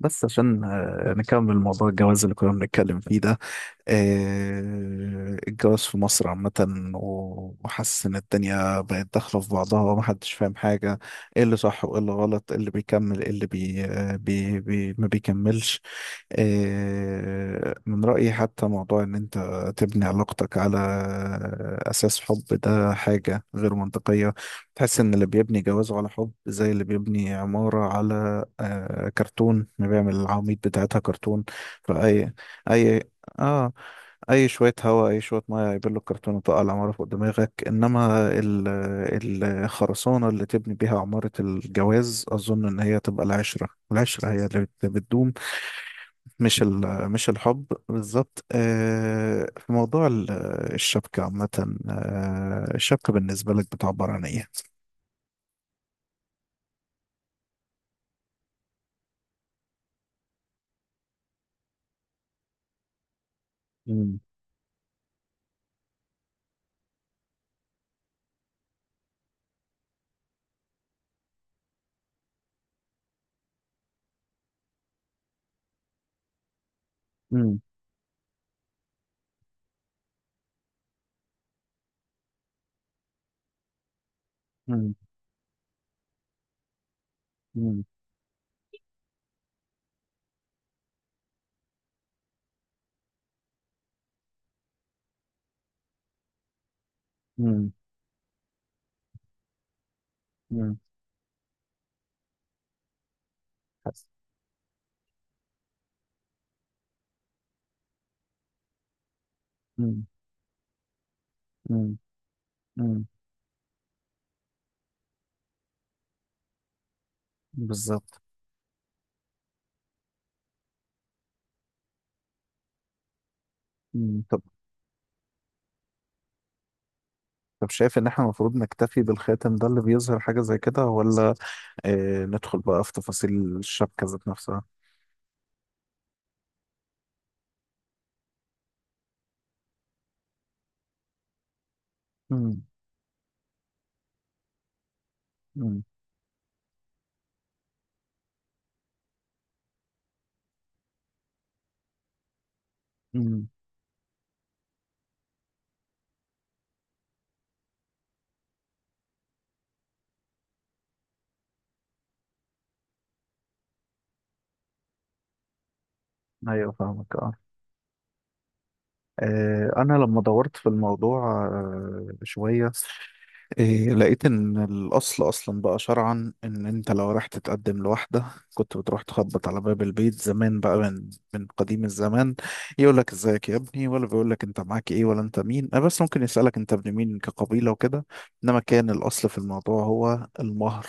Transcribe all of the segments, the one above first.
بس عشان نكمل موضوع الجواز اللي كنا بنتكلم فيه ده. الجواز في مصر عامة. و- وحاسس إن الدنيا بقت داخلة في بعضها ومحدش فاهم حاجة، إيه اللي صح وإيه اللي غلط، إيه اللي بيكمل إيه اللي بي ما بيكملش. من رأيي حتى موضوع إن أنت تبني علاقتك على أساس حب ده حاجة غير منطقية. تحس إن اللي بيبني جوازه على حب زي اللي بيبني عمارة على كرتون، ما بيعمل العواميد بتاعتها كرتون. فأي أي اه اي شويه هواء، اي شويه ميه هيبل الكرتونه، تقع العماره فوق دماغك. انما الخرسانه اللي تبني بيها عماره الجواز اظن ان هي تبقى العشره، العشره هي اللي بتدوم. مش ال- مش الحب بالظبط. في موضوع الشبكه عامه. الشبكه بالنسبه لك بتعبر عن ايه؟ مم. مم. مم. مم. مم. مم. مم. مم. مم. بالظبط. مم. طب، طب شايف ان احنا المفروض نكتفي بالخاتم ده اللي بيظهر حاجة زي كده، ولا اه ندخل بقى في تفاصيل الشبكة ذات نفسها؟ امم. امم. امم. ايوه فاهمك، اه. انا لما دورت في الموضوع شوية، إيه لقيت ان الاصل اصلا بقى شرعا ان انت لو رايح تتقدم لواحده كنت بتروح تخبط على باب البيت زمان بقى من قديم الزمان. يقول لك ازيك يا ابني، ولا بيقول لك انت معاك ايه، ولا انت مين. أه بس ممكن يسالك انت ابن مين كقبيله وكده. انما كان الاصل في الموضوع هو المهر.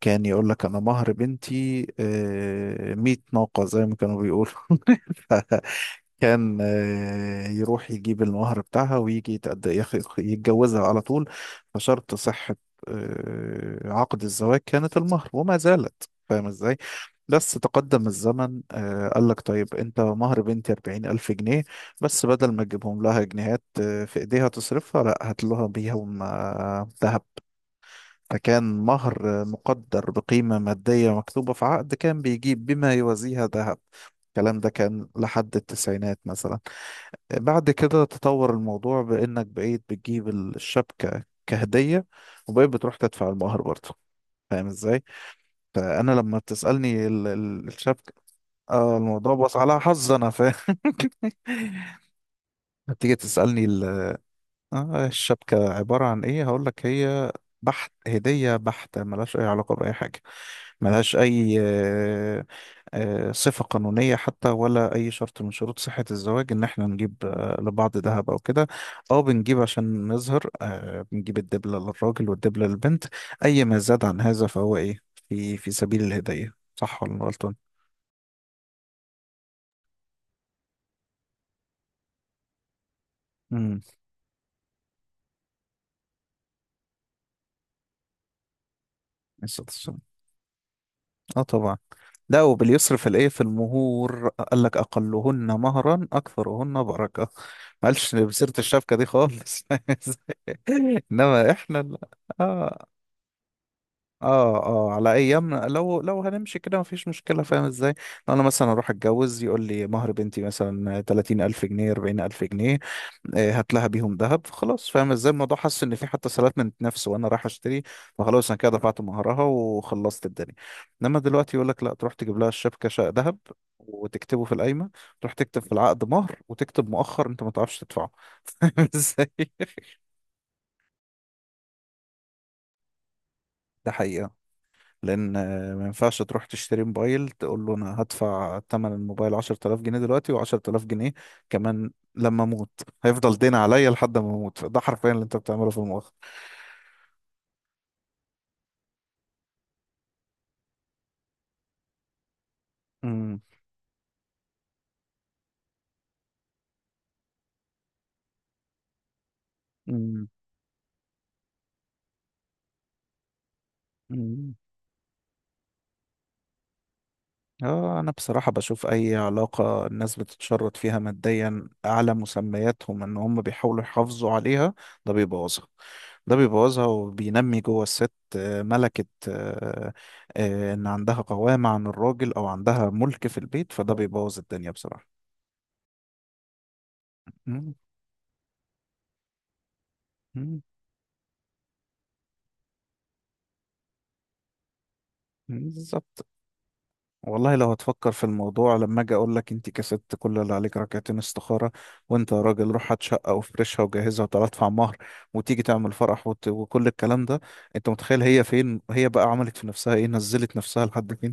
كان يقول لك انا مهر بنتي 100 ناقة زي ما كانوا بيقولوا. ف- كان يروح يجيب المهر بتاعها ويجي يتجوزها على طول. فشرط صحة عقد الزواج كانت المهر، وما زالت، فاهم ازاي؟ بس تقدم الزمن قال لك طيب انت مهر بنتي 40 ألف جنيه، بس بدل ما تجيبهم لها جنيهات في ايديها تصرفها، لا، هات لها بيهم دهب. فكان مهر مقدر بقيمة مادية مكتوبة في عقد، كان بيجيب بما يوازيها ذهب. الكلام ده كان لحد التسعينات مثلا. بعد كده تطور الموضوع بإنك بقيت بتجيب الشبكة كهدية، وبقيت بتروح تدفع المهر برضه، فاهم ازاي؟ فأنا لما بتسألني الشبكة، آه الموضوع بص على حظ، أنا فاهم. تيجي تسألني آه الشبكة عبارة عن إيه؟ هقولك، هي بحت هدية بحتة، ملهاش أي علاقة بأي حاجة، ملهاش أي صفة قانونية حتى، ولا أي شرط من شروط صحة الزواج إن إحنا نجيب لبعض ذهب أو كده، أو بنجيب عشان نظهر، بنجيب الدبلة للراجل والدبلة للبنت. أي ما زاد عن هذا فهو إيه؟ في سبيل الهدية، صح ولا أنا غلطان؟ امم. الصلاة والسلام. اه طبعا. لا، وباليسر في الايه في المهور قال لك اقلهن مهرا اكثرهن بركه، ما قالش بسيره الشبكه دي خالص. انما احنا لا. آه. اه، اه على ايامنا لو هنمشي كده مفيش مشكله، فاهم ازاي؟ لو انا مثلا اروح اتجوز يقول لي مهر بنتي مثلا 30 الف جنيه، 40 الف جنيه، هات لها بيهم ذهب، خلاص، فاهم ازاي الموضوع؟ حاسس ان في حتى سلات من نفسه وانا رايح اشتري، فخلاص انا كده دفعت مهرها وخلصت الدنيا. انما دلوقتي يقول لك لا، تروح تجيب لها الشبكه شقه ذهب، وتكتبه في القايمه، تروح تكتب في العقد مهر وتكتب مؤخر انت ما تعرفش تدفعه. فاهم ازاي؟ ده حقيقه. لان ما ينفعش تروح تشتري موبايل تقول له انا هدفع ثمن الموبايل 10,000 جنيه دلوقتي و10000 جنيه كمان لما اموت، هيفضل دين عليا لحد ما اموت، ده حرفيا اللي انت بتعمله في المؤخر. امم. امم. اه، انا بصراحة بشوف اي علاقة الناس بتتشرط فيها ماديا اعلى مسمياتهم ان هم بيحاولوا يحافظوا عليها، ده بيبوظها. ده بيبوظها وبينمي جوه الست ملكة، ان عندها قوامة عن الراجل او عندها ملك في البيت، فده بيبوظ الدنيا بصراحة. مم. مم. مم. بالظبط. والله لو هتفكر في الموضوع، لما اجي اقول لك انت كسبت كل اللي عليك ركعتين استخاره، وانت يا راجل روح هات شقه وفرشها وجهزها وتعالى ادفع مهر وتيجي تعمل فرح وت... وكل الكلام ده. انت متخيل هي فين، هي بقى عملت في نفسها ايه، نزلت نفسها لحد فين،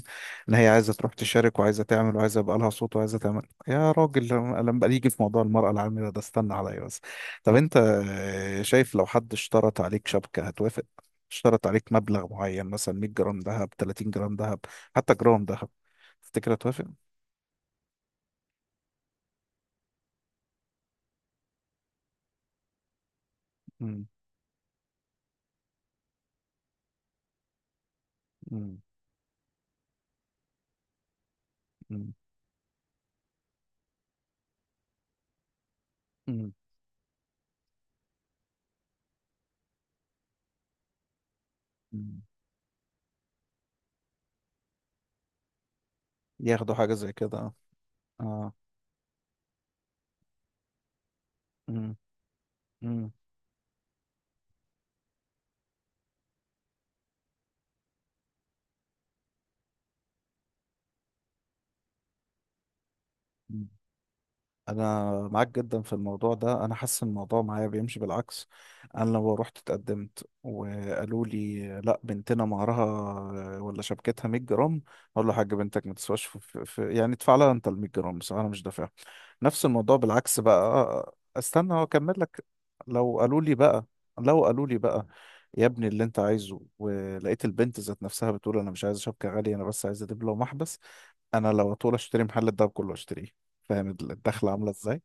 ان هي عايزه تروح تشارك وعايزه تعمل وعايزه يبقى لها صوت وعايزه تعمل. يا راجل لما يجي في موضوع المراه العامله ده استنى عليا بس. طب انت شايف لو حد اشترط عليك شبكه هتوافق؟ اشترط عليك مبلغ معين مثلا 100 جرام ذهب، 30 جرام ذهب، حتى جرام ذهب، تفتكر هتوافق؟ مم. مم. مم. مم. مم. ياخدوا حاجة زي كده، اه. آه، مم. مم. مم. انا معاك جدا في الموضوع ده، انا حاسس إن الموضوع معايا بيمشي بالعكس. انا لو رحت اتقدمت وقالوا لي لا بنتنا مهرها ولا شبكتها 100 جرام، اقول له يا حاج بنتك ما تسواش في يعني، ادفع لها انت ال 100 جرام، بس انا مش دافع. نفس الموضوع بالعكس بقى. استنى هو اكمل لك. لو قالوا لي بقى لو قالوا لي بقى يا ابني اللي انت عايزه، ولقيت البنت ذات نفسها بتقول انا مش عايز شبكة غالية انا بس عايز دبلة ومحبس، انا لو طول اشتري محل الدهب كله اشتريه، فاهم الدخلة عاملة ازاي؟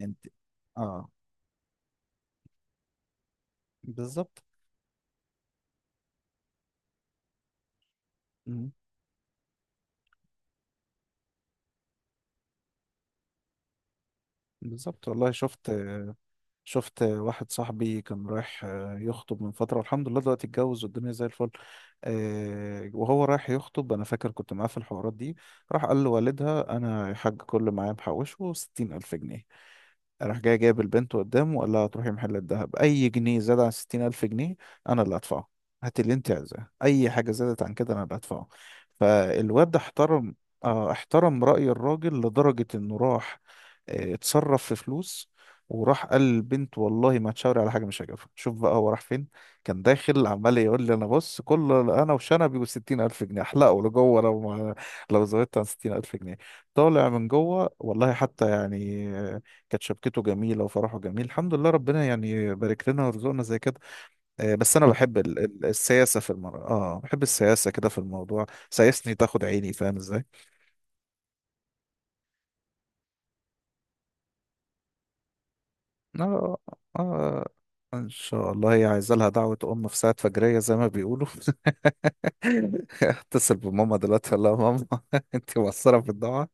انت اه بالظبط. مم. بالظبط والله. شفت واحد صاحبي كان رايح يخطب من فترة، والحمد لله دلوقتي اتجوز والدنيا زي الفل. وهو رايح يخطب أنا فاكر كنت معاه في الحوارات دي. راح قال لوالدها أنا يا حاج كل اللي معايا محوشه 60,000 جنيه، راح جاي جايب البنت قدامه وقال لها هتروحي محل الذهب، أي جنيه زاد عن 60,000 جنيه أنا اللي هدفعه، هات اللي أنت عايزاه، أي حاجة زادت عن كده أنا اللي هدفعه. فالواد احترم احترم رأي الراجل لدرجة إنه راح اتصرف في فلوس، وراح قال للبنت والله ما تشاوري على حاجة مش هجيبها. شوف بقى هو راح فين، كان داخل عمال يقول لي أنا بص، كل أنا وشنبي وستين ألف جنيه أحلقه لجوه لو ما، لو زودت عن 60,000 جنيه، طالع من جوه والله. حتى يعني كانت شبكته جميله وفرحه جميل الحمد لله، ربنا يعني بارك لنا ورزقنا زي كده. بس انا بحب السياسه في المره، اه بحب السياسه كده في الموضوع، سياسني تاخد عيني، فاهم ازاي؟ اه اه ان شاء الله. هي عايزه لها دعوه ام في ساعه فجريه زي ما بيقولوا. اتصل بماما دلوقتي اقول لها ماما انت مقصره في الدعاء،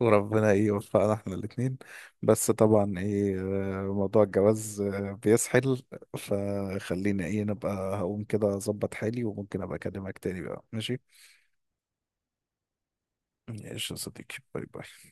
وربنا ايه يوفقنا احنا الاثنين. بس طبعا ايه موضوع الجواز بيسحل، فخلينا ايه نبقى، هقوم كده اظبط حالي وممكن ابقى اكلمك تاني بقى، ماشي؟ ماشي يا صديقي، باي باي.